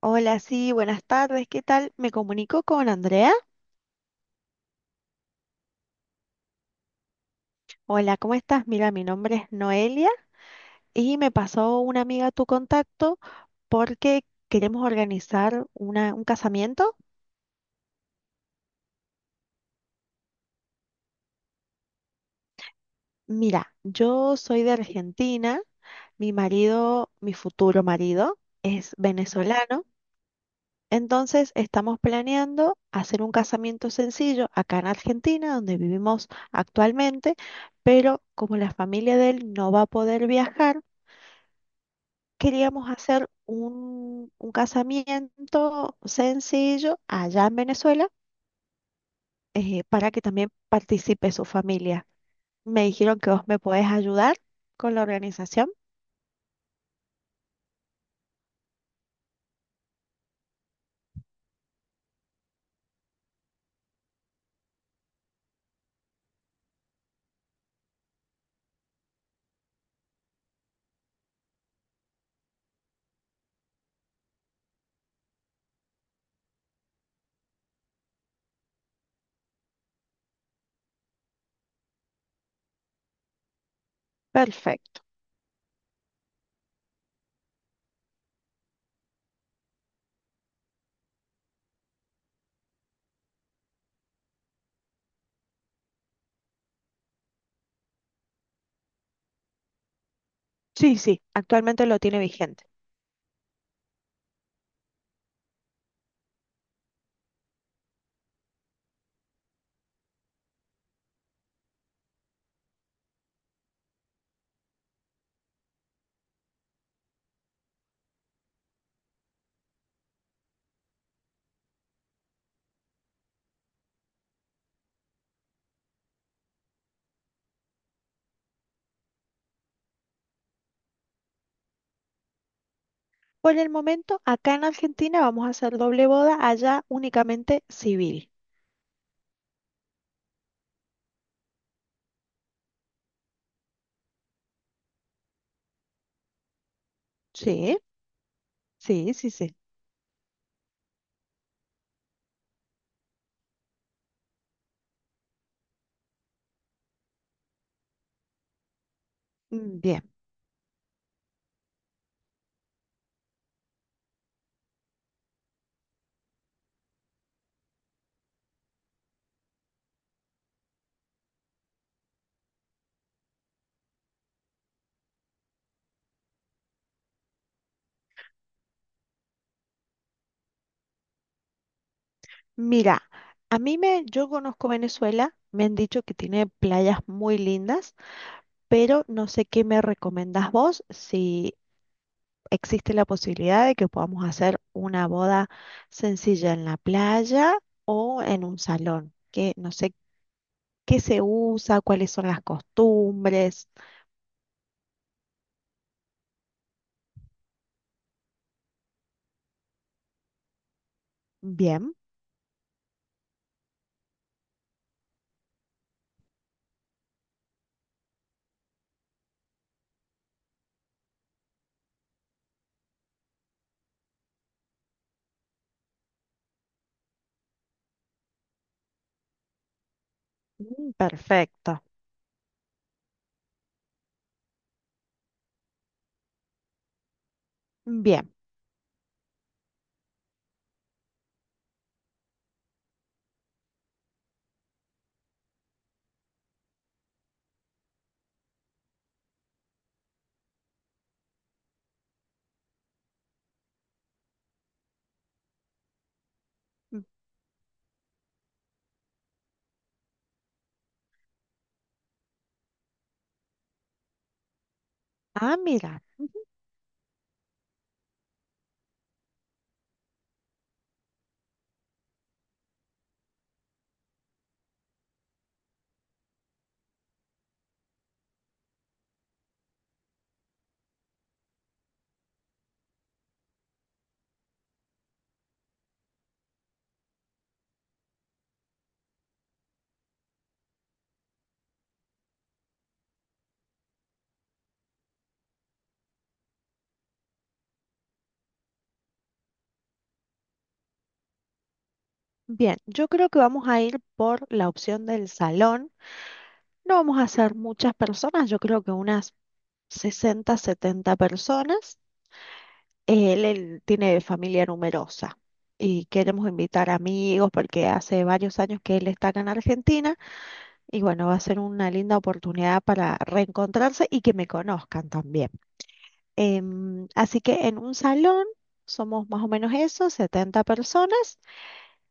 Hola, sí, buenas tardes, ¿qué tal? Me comunico con Andrea. Hola, ¿cómo estás? Mira, mi nombre es Noelia y me pasó una amiga tu contacto porque queremos organizar un casamiento. Mira, yo soy de Argentina, mi marido, mi futuro marido, es venezolano, entonces estamos planeando hacer un casamiento sencillo acá en Argentina, donde vivimos actualmente, pero como la familia de él no va a poder viajar, queríamos hacer un casamiento sencillo allá en Venezuela, para que también participe su familia. Me dijeron que vos me podés ayudar con la organización. Perfecto. Sí, sí, actualmente lo tiene vigente. Por el momento, acá en Argentina vamos a hacer doble boda, allá únicamente civil. Sí, sí, sí, sí. Mm, bien. Mira, yo conozco Venezuela, me han dicho que tiene playas muy lindas. Pero no sé qué me recomendás vos, si existe la posibilidad de que podamos hacer una boda sencilla en la playa o en un salón, que no sé qué se usa, cuáles son las costumbres. Bien. Mm, perfecto. Bien. Ah, mira. Bien, yo creo que vamos a ir por la opción del salón. No vamos a ser muchas personas, yo creo que unas 60, 70 personas. Él tiene familia numerosa y queremos invitar amigos porque hace varios años que él está acá en Argentina y bueno, va a ser una linda oportunidad para reencontrarse y que me conozcan también. Así que en un salón somos más o menos eso, 70 personas,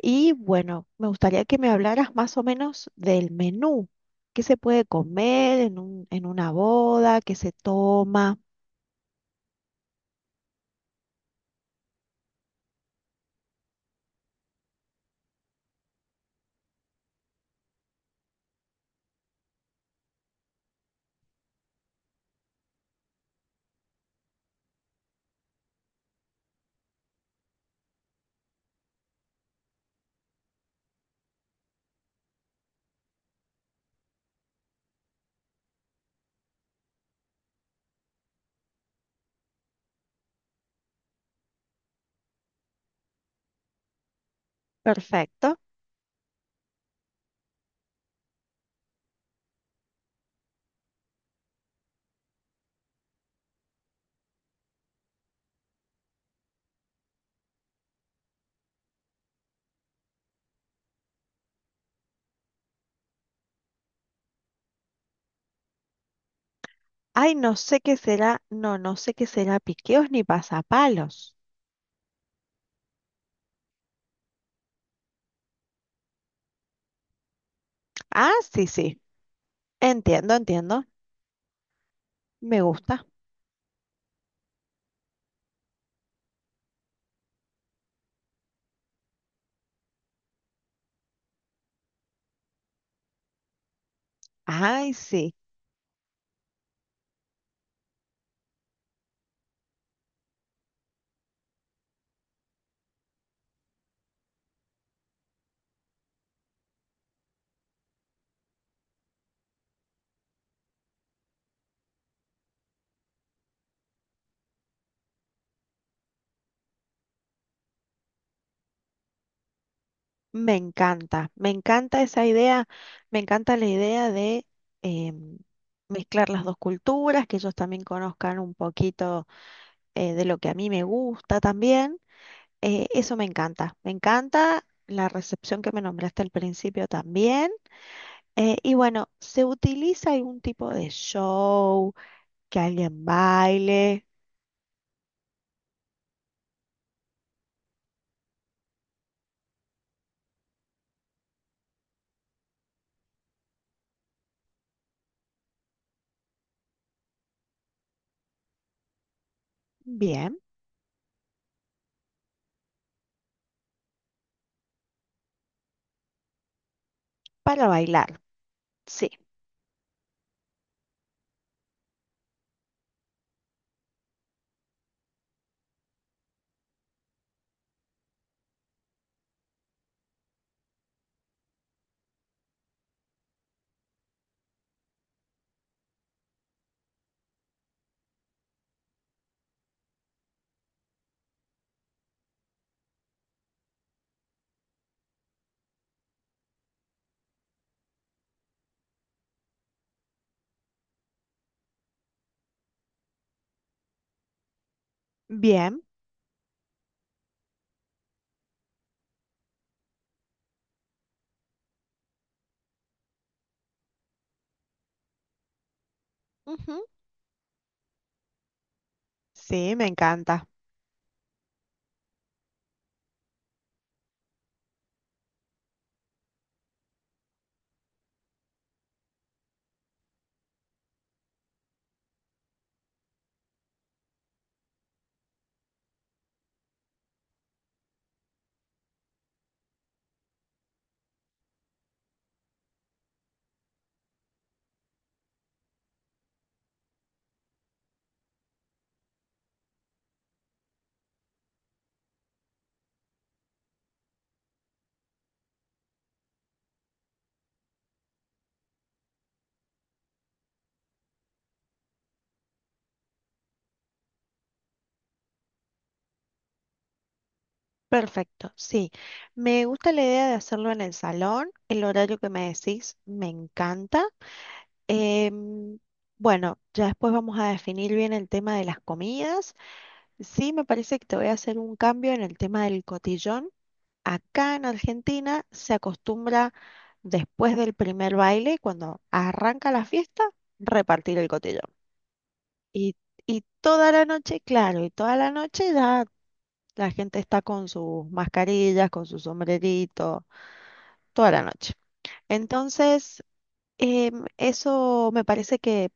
y bueno, me gustaría que me hablaras más o menos del menú. ¿Qué se puede comer en una boda? ¿Qué se toma? Perfecto. Ay, no sé qué será, no, no sé qué será piqueos ni pasapalos. Ah, sí, sí, entiendo, entiendo, me gusta. Ay, sí, me encanta esa idea, me encanta la idea de em, mezclar las dos culturas, que ellos también conozcan un poquito de lo que a mí me gusta también. Eso me encanta la recepción que me nombraste al principio también. Y bueno, ¿se utiliza algún tipo de show? Que alguien baile. Bien, para bailar. Sí. Bien. Ujú. Sí, me encanta. Perfecto, sí. Me gusta la idea de hacerlo en el salón. El horario que me decís me encanta. Em, bueno, ya después vamos a definir bien el tema de las comidas. Sí, me parece que te voy a hacer un cambio en el tema del cotillón. Acá en Argentina se acostumbra, después del primer baile, cuando arranca la fiesta, repartir el cotillón. Y, y toda la noche, claro, y toda la noche ya la gente está con sus mascarillas, con su sombrerito, toda la noche. Entonces, eso me parece que,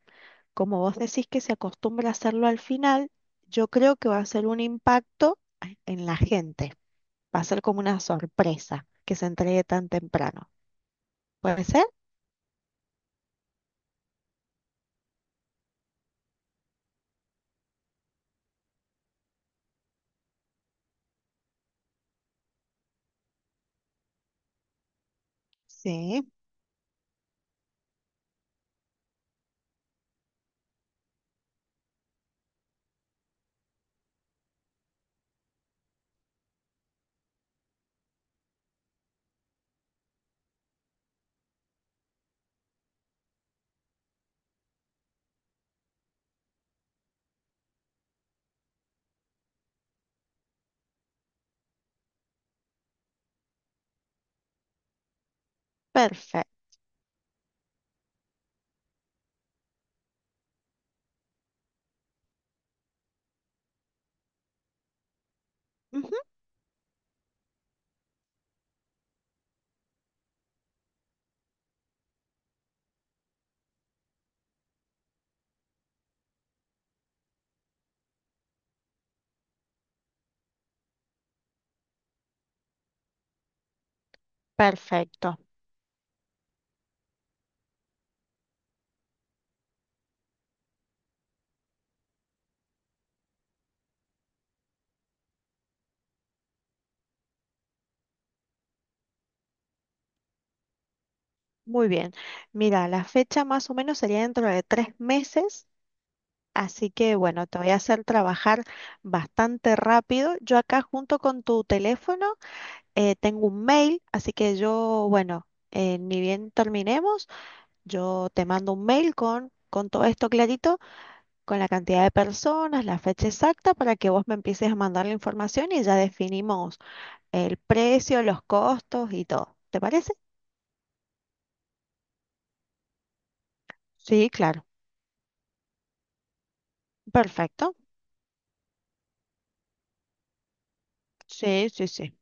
como vos decís que se acostumbra a hacerlo al final, yo creo que va a ser un impacto en la gente. Va a ser como una sorpresa que se entregue tan temprano. ¿Puede ser? Sí, perfecto. Perfecto. Muy bien. Mira, la fecha más o menos sería dentro de 3 meses. Así que bueno, te voy a hacer trabajar bastante rápido. Yo acá junto con tu teléfono, tengo un mail, así que yo, bueno, ni bien terminemos, yo te mando un mail con todo esto clarito, con la cantidad de personas, la fecha exacta, para que vos me empieces a mandar la información y ya definimos el precio, los costos y todo. ¿Te parece? Sí, claro. Perfecto. Sí, sí, sí.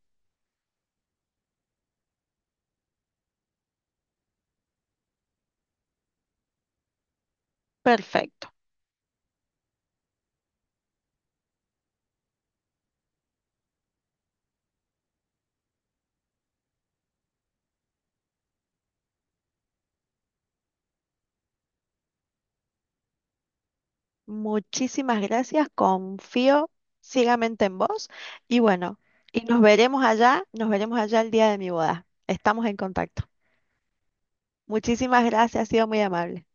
Perfecto. Muchísimas gracias, confío ciegamente en vos y bueno, y nos veremos allá el día de mi boda. Estamos en contacto. Muchísimas gracias, ha sido muy amable.